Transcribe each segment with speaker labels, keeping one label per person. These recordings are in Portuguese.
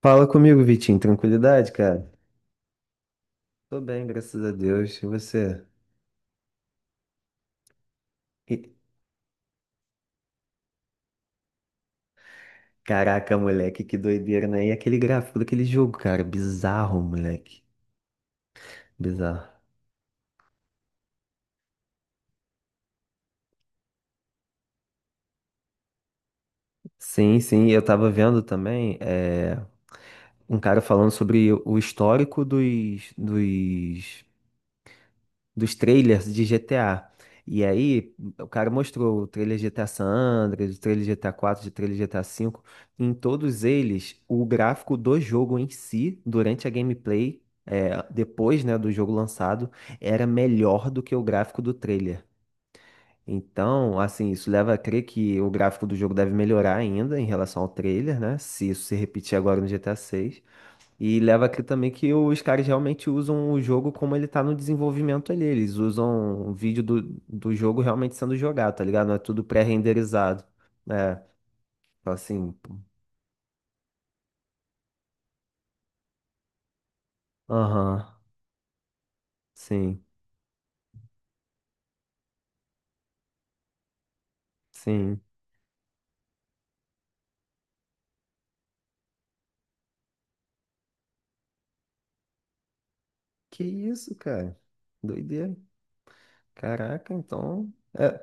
Speaker 1: Fala comigo, Vitinho. Tranquilidade, cara? Tô bem, graças a Deus. E você? E- Caraca, moleque, que doideira, né? E aquele gráfico daquele jogo, cara? Bizarro, moleque. Bizarro. Sim, sim. Eu tava vendo também um cara falando sobre o histórico dos trailers de GTA. E aí, o cara mostrou o trailer de GTA San Andreas, o trailer de GTA 4, o trailer de GTA 5. Em todos eles, o gráfico do jogo em si, durante a gameplay, depois, né, do jogo lançado, era melhor do que o gráfico do trailer. Então, assim, isso leva a crer que o gráfico do jogo deve melhorar ainda em relação ao trailer, né? Se isso se repetir agora no GTA VI. E leva aqui também que os caras realmente usam o jogo como ele tá no desenvolvimento ali. Eles usam o vídeo do jogo realmente sendo jogado, tá ligado? Não é tudo pré-renderizado. É, então, assim, pô. Aham, sim, sim. Que isso, cara? Doideira. Caraca, então. É,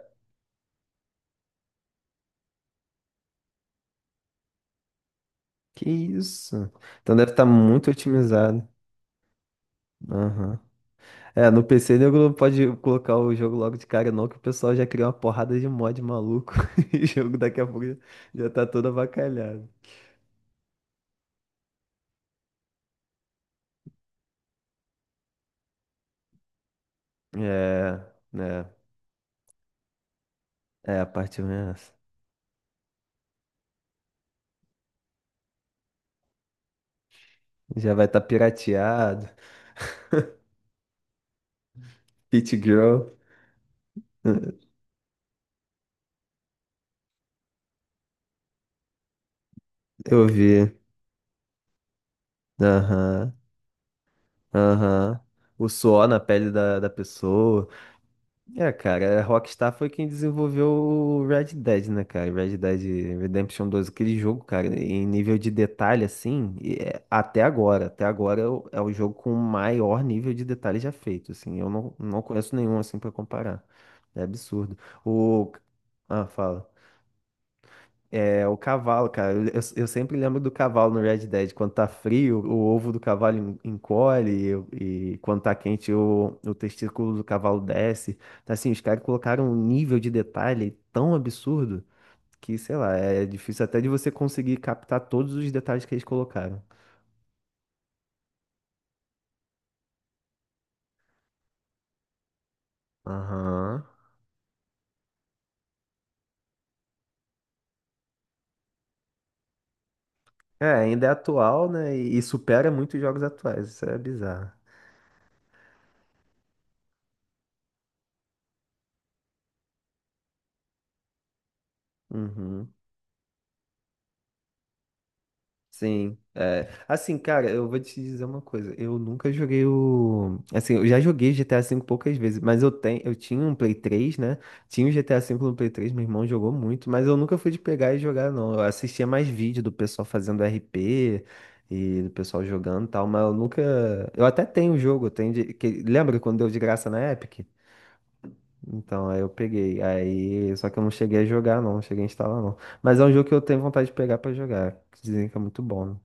Speaker 1: que isso? Então deve estar muito otimizado. Aham. É, no PC nego não pode colocar o jogo logo de cara, não, que o pessoal já criou uma porrada de mod maluco e o jogo daqui a pouco já tá todo avacalhado. É, né? É, a parte essa. Já vai estar tá pirateado. Pit Girl. Eu vi. Aham, aham. O suor na pele da pessoa. É, cara, a Rockstar foi quem desenvolveu o Red Dead, né, cara? Red Dead Redemption 2, aquele jogo, cara, em nível de detalhe, assim, até agora é o jogo com o maior nível de detalhe já feito, assim, eu não conheço nenhum, assim, pra comparar. É absurdo. O... Ah, fala. É, o cavalo, cara. Eu sempre lembro do cavalo no Red Dead. Quando tá frio, o ovo do cavalo encolhe, e quando tá quente, o testículo do cavalo desce. Então, assim, os caras colocaram um nível de detalhe tão absurdo que, sei lá, é difícil até de você conseguir captar todos os detalhes que eles colocaram. Aham. É, ainda é atual, né? E supera muitos jogos atuais. Isso é bizarro. Uhum. Sim, é. Assim, cara, eu vou te dizer uma coisa. Eu nunca joguei o. Assim, eu já joguei GTA V poucas vezes, mas eu tinha um Play 3, né? Tinha o GTA V no Play 3, meu irmão jogou muito, mas eu nunca fui de pegar e jogar, não. Eu assistia mais vídeo do pessoal fazendo RP e do pessoal jogando e tal, mas eu nunca. Eu até tenho o jogo, eu tenho de... que- Lembra quando deu de graça na Epic? Então, aí eu peguei. Aí, só que eu não cheguei a jogar, não, não cheguei a instalar, não. Mas é um jogo que eu tenho vontade de pegar pra jogar. Que dizem que é muito bom, né?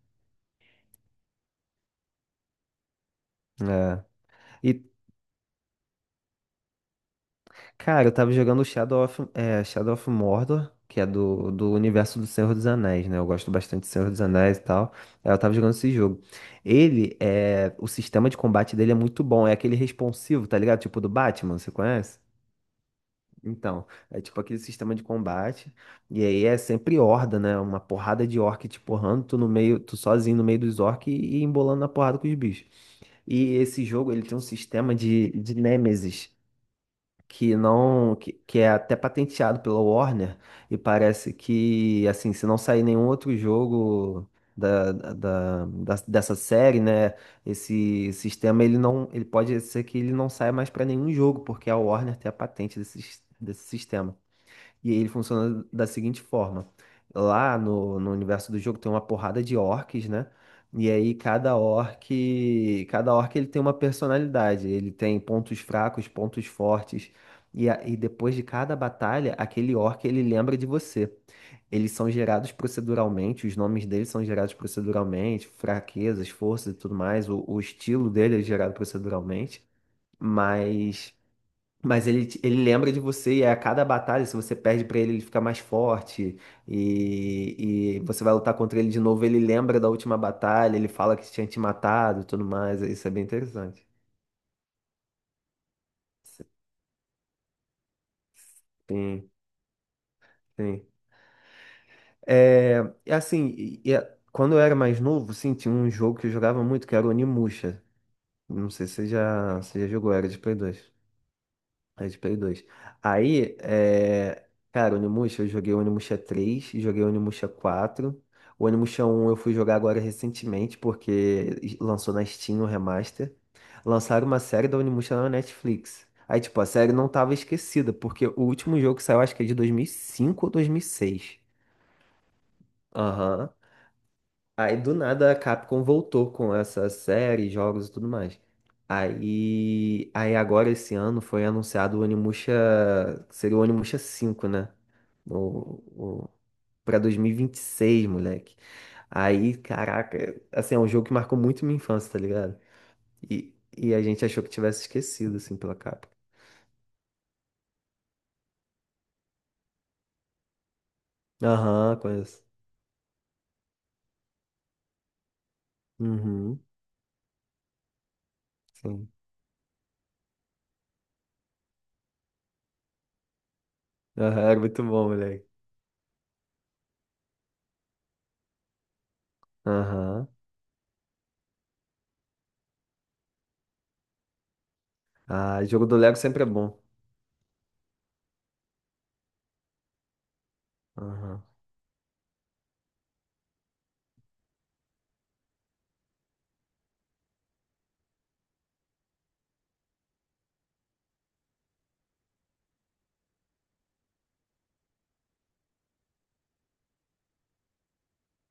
Speaker 1: É. E, cara, eu tava jogando Shadow of Mordor, que é do universo do Senhor dos Anéis, né? Eu gosto bastante do Senhor dos Anéis e tal. Aí eu tava jogando esse jogo. O sistema de combate dele é muito bom, é aquele responsivo, tá ligado? Tipo do Batman, você conhece? Então, é tipo aquele sistema de combate. E aí é sempre horda, né? Uma porrada de orc te porrando, tu no meio, tu sozinho no meio dos orcs e embolando na porrada com os bichos. E esse jogo, ele tem um sistema de nêmesis. Que não que, Que é até patenteado pela Warner e parece que, assim, se não sair nenhum outro jogo dessa série, né, esse sistema, ele não ele pode ser que ele não saia mais para nenhum jogo porque a Warner tem a patente desse sistema. E ele funciona da seguinte forma: lá no universo do jogo tem uma porrada de orcs, né? E aí cada orc ele tem uma personalidade, ele tem pontos fracos, pontos fortes. E depois de cada batalha, aquele orc ele lembra de você. Eles são gerados proceduralmente, os nomes deles são gerados proceduralmente, fraquezas, forças e tudo mais. O estilo dele é gerado proceduralmente, mas mas ele lembra de você e, a cada batalha, se você perde pra ele, ele fica mais forte e você vai lutar contra ele de novo, ele lembra da última batalha, ele fala que tinha te matado e tudo mais, isso é bem interessante. Sim, sim. É, e assim, quando eu era mais novo, sim, tinha um jogo que eu jogava muito, que era o Onimusha. Não sei se já jogou, era de Play 2. É de Play 2. Aí, cara, Onimusha, eu joguei Onimusha 3, joguei Onimusha 4. O Onimusha 1, eu fui jogar agora recentemente, porque lançou na Steam o remaster. Lançaram uma série da Onimusha na Netflix. Aí, tipo, a série não tava esquecida, porque o último jogo que saiu, acho que é de 2005 ou 2006. Aham. Aí do nada a Capcom voltou com essa série, jogos e tudo mais. Aí, agora esse ano foi anunciado o Onimusha, que seria o Onimusha 5, né? O, o, Pra 2026, moleque. Aí, caraca, assim, é um jogo que marcou muito minha infância, tá ligado? E a gente achou que tivesse esquecido, assim, pela capa. Aham, conheço. Uhum, sim. Aham, era muito bom, moleque. Aham. Ah, jogo do Lego sempre é bom. Aham.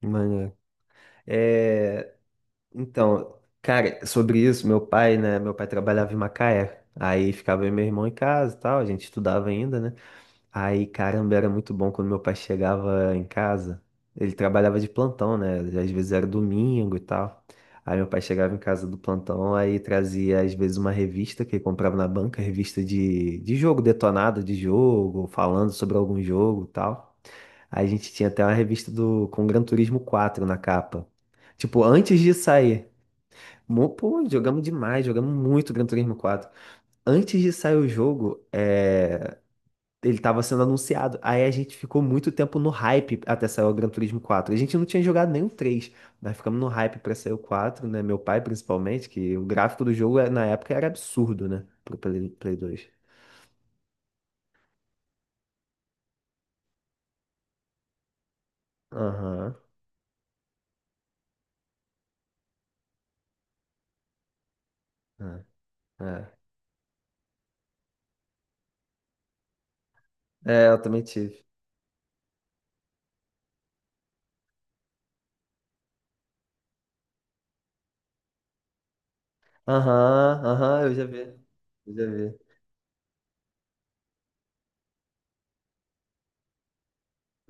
Speaker 1: Maneiro. É, então, cara, sobre isso, meu pai, né? Meu pai trabalhava em Macaé. Aí ficava eu e meu irmão em casa e tal, a gente estudava ainda, né? Aí, caramba, era muito bom quando meu pai chegava em casa. Ele trabalhava de plantão, né? Às vezes era domingo e tal. Aí meu pai chegava em casa do plantão, aí trazia às vezes uma revista que ele comprava na banca, revista de jogo detonado de jogo, falando sobre algum jogo e tal. A gente tinha até uma revista do com Gran Turismo 4 na capa. Tipo, antes de sair. Pô, jogamos demais, jogamos muito Gran Turismo 4. Antes de sair o jogo, ele tava sendo anunciado. Aí a gente ficou muito tempo no hype até sair o Gran Turismo 4. A gente não tinha jogado nem o três. Nós ficamos no hype pra sair o quatro, né? Meu pai, principalmente, que o gráfico do jogo na época era absurdo, né? Pro Play 2. Aham. É, é. É, eu também tive. Aham, aham, eu já vi. Eu já vi.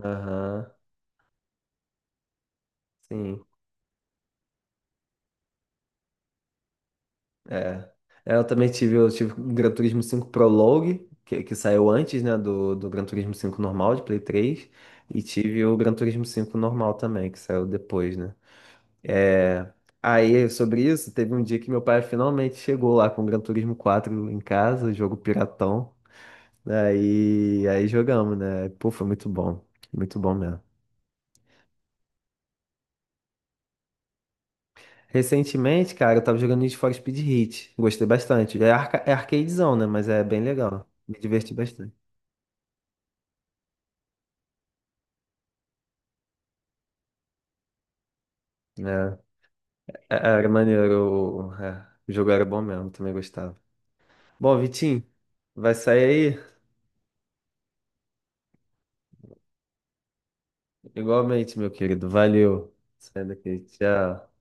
Speaker 1: Aham, sim. É. É, eu também tive, eu tive o Gran Turismo 5 Prologue, que saiu antes, né, do Gran Turismo 5 normal, de Play 3. E tive o Gran Turismo 5 normal também, que saiu depois, né? É. Aí, sobre isso, teve um dia que meu pai finalmente chegou lá com o Gran Turismo 4 em casa, jogo piratão. Aí, jogamos, né? Pô, foi muito bom. Muito bom mesmo. Recentemente, cara, eu tava jogando Need for Speed Heat. Gostei bastante. É, arca é arcadezão, né? Mas é bem legal. Me diverti bastante. É, era maneiro. O jogo era bom mesmo, também gostava. Bom, Vitinho, vai sair aí? Igualmente, meu querido. Valeu. Saindo aqui. Tchau.